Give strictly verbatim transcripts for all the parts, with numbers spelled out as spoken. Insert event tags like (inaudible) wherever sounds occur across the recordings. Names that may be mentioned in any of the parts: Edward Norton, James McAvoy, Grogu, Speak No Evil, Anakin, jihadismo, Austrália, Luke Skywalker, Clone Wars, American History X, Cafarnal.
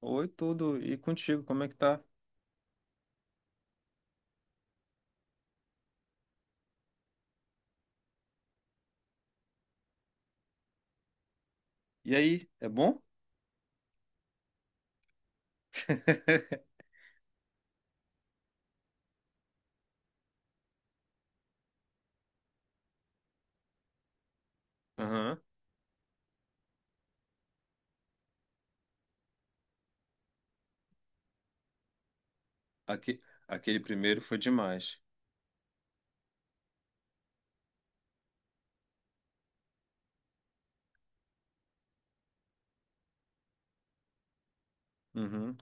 Oi, tudo. E contigo, como é que tá? E aí, é bom? (laughs) Aham. Aque- Aquele primeiro foi demais. Uhum.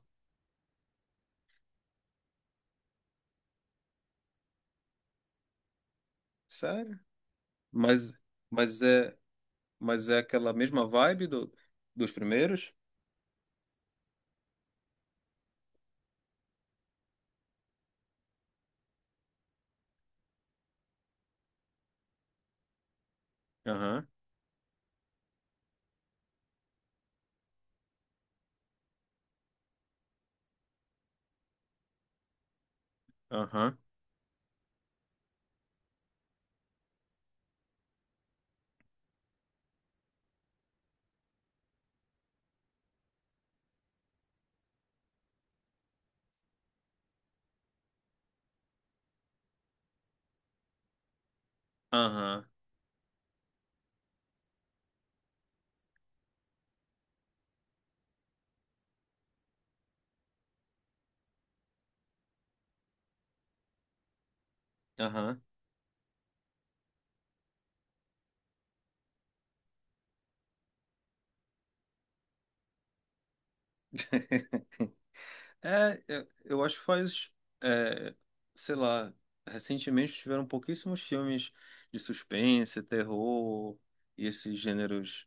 Sério? Mas, mas é, mas é aquela mesma vibe do, dos primeiros? Aham, aham, aham, aham. (laughs) É, eu eu acho que faz, é, sei lá, recentemente tiveram pouquíssimos filmes de suspense, terror e esses gêneros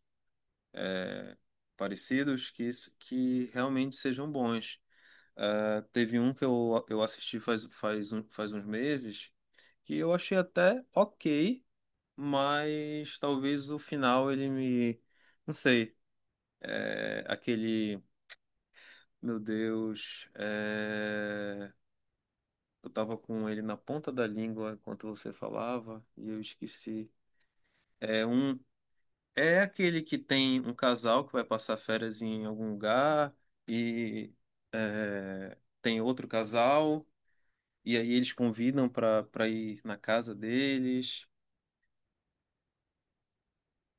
parecidos que, s- que realmente sejam bons. Ah, teve um que eu, eu assisti faz, faz, um- faz uns meses que eu achei até ok, mas talvez o final ele me. Não sei. É, aquele. Meu Deus. É, eu tava com ele na ponta da língua enquanto você falava e eu esqueci. É um. É aquele que tem um casal que vai passar férias em algum lugar e é, tem outro casal e aí eles convidam para para ir na casa deles.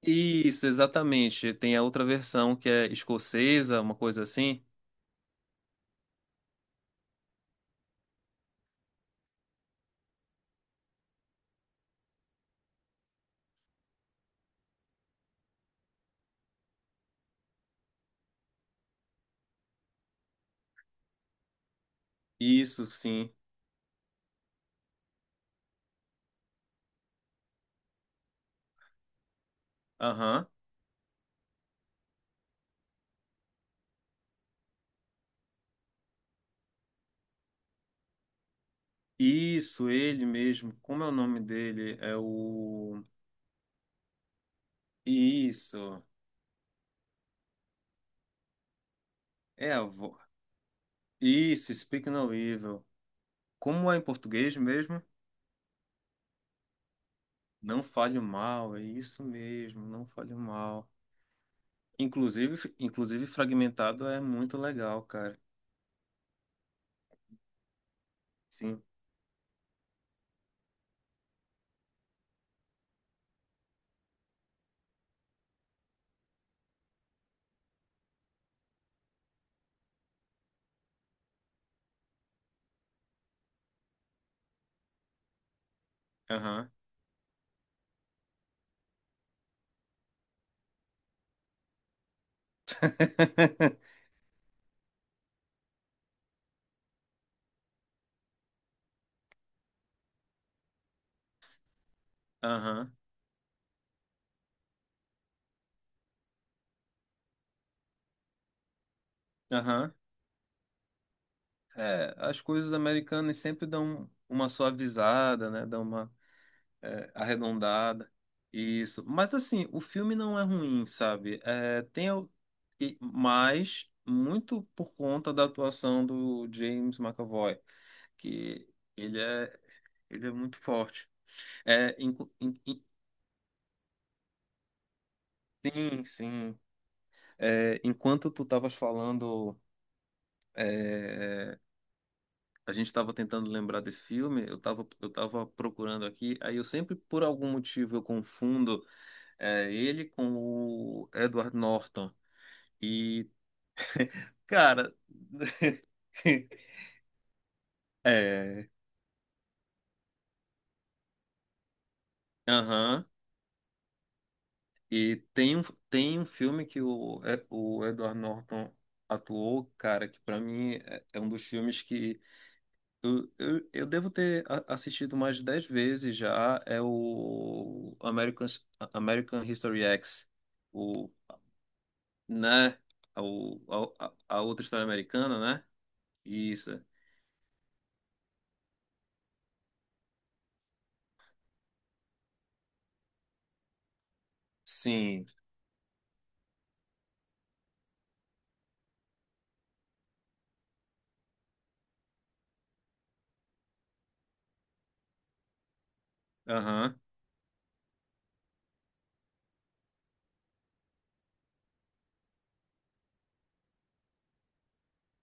Isso, exatamente. Tem a outra versão que é escocesa, uma coisa assim. Isso, sim. Aham. Isso, ele mesmo. Como é o nome dele? É o. Isso. É a avó. Isso, Speak No Evil. Como é em português mesmo? Não fale o mal, é isso mesmo, não fale o mal. Inclusive, inclusive fragmentado é muito legal, cara. Sim. Aham. (laughs) Aham. Aham. É, as coisas americanas sempre dão uma suavizada, né? Dão uma é, arredondada. Isso. Mas assim, o filme não é ruim, sabe? É, tem al- e- mas muito por conta da atuação do James McAvoy, que ele é ele é muito forte. É, enqu- en- en- sim, sim. É, enquanto tu estavas falando, é, a gente estava tentando lembrar desse filme, eu estava eu tava procurando aqui, aí eu sempre, por algum motivo, eu confundo é, ele com o Edward Norton. E, cara, (laughs) é, aham. E tem um, tem um filme que o, é, o Edward Norton atuou, cara, que pra mim é é um dos filmes que Eu, eu, eu devo ter a- assistido mais de dez vezes já. É o American, American History X. O, né? O, a, a a outra história americana, né? Isso. Sim. Aham.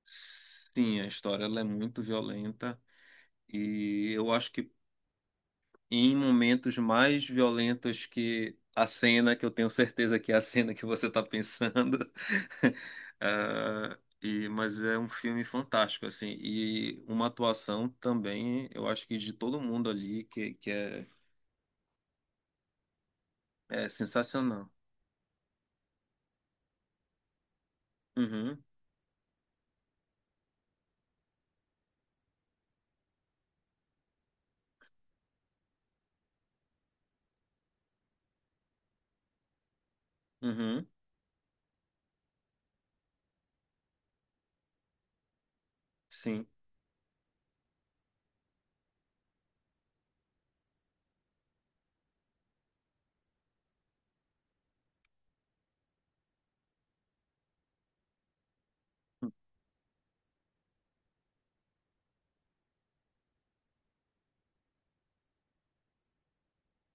Sim, a história ela é muito violenta. E eu acho que em momentos mais violentos que a cena, que eu tenho certeza que é a cena que você está pensando. (laughs) Ah, e, mas é um filme fantástico, assim, e uma atuação também, eu acho que de todo mundo ali, que, que é, é sensacional. Uhum, uhum, sim.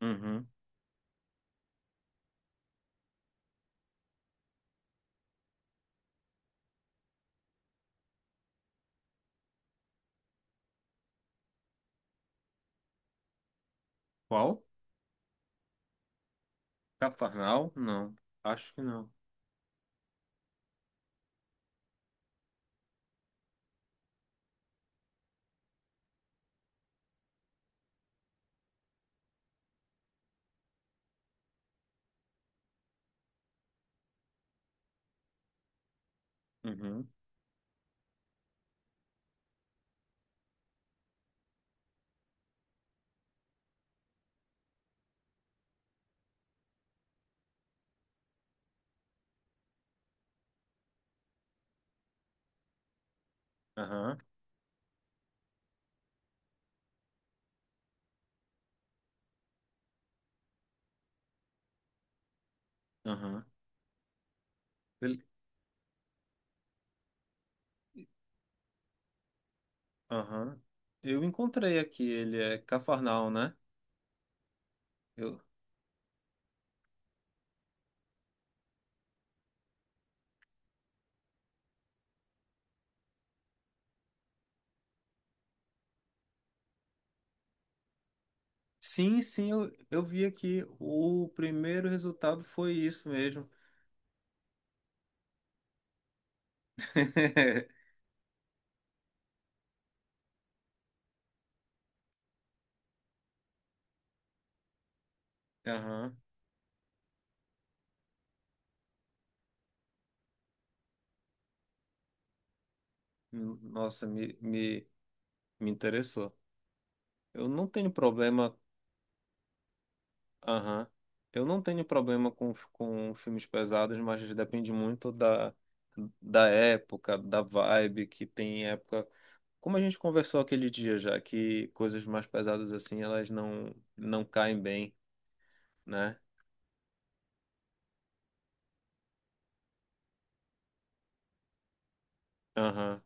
Uhum. Qual? Cafarnal? Não, acho que não. Uhum, aham, aham. Ele- Aham. Eu encontrei aqui, ele é Cafarnal, né? Eu, Sim, sim, eu, eu vi aqui. O primeiro resultado foi isso mesmo. (laughs) Aham. Nossa, me, me, me interessou. Eu não tenho problema. Aham. Eu não tenho problema com, com filmes pesados, mas depende muito da, da época, da vibe que tem época. Como a gente conversou aquele dia já, que coisas mais pesadas assim, elas não, não caem bem, né? Aham.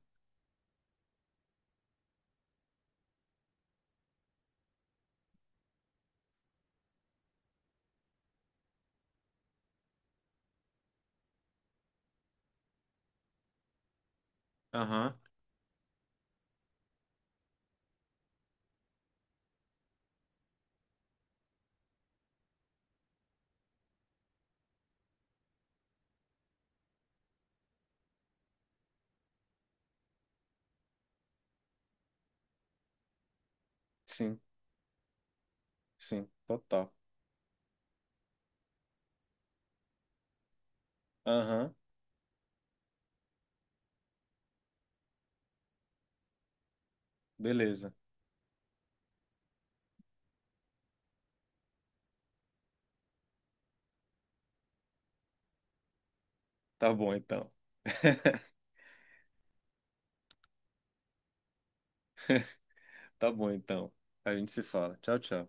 Aham. Sim, sim, total. Aham. Beleza. Tá bom então. (laughs) Tá bom então. A gente se fala. Tchau, tchau.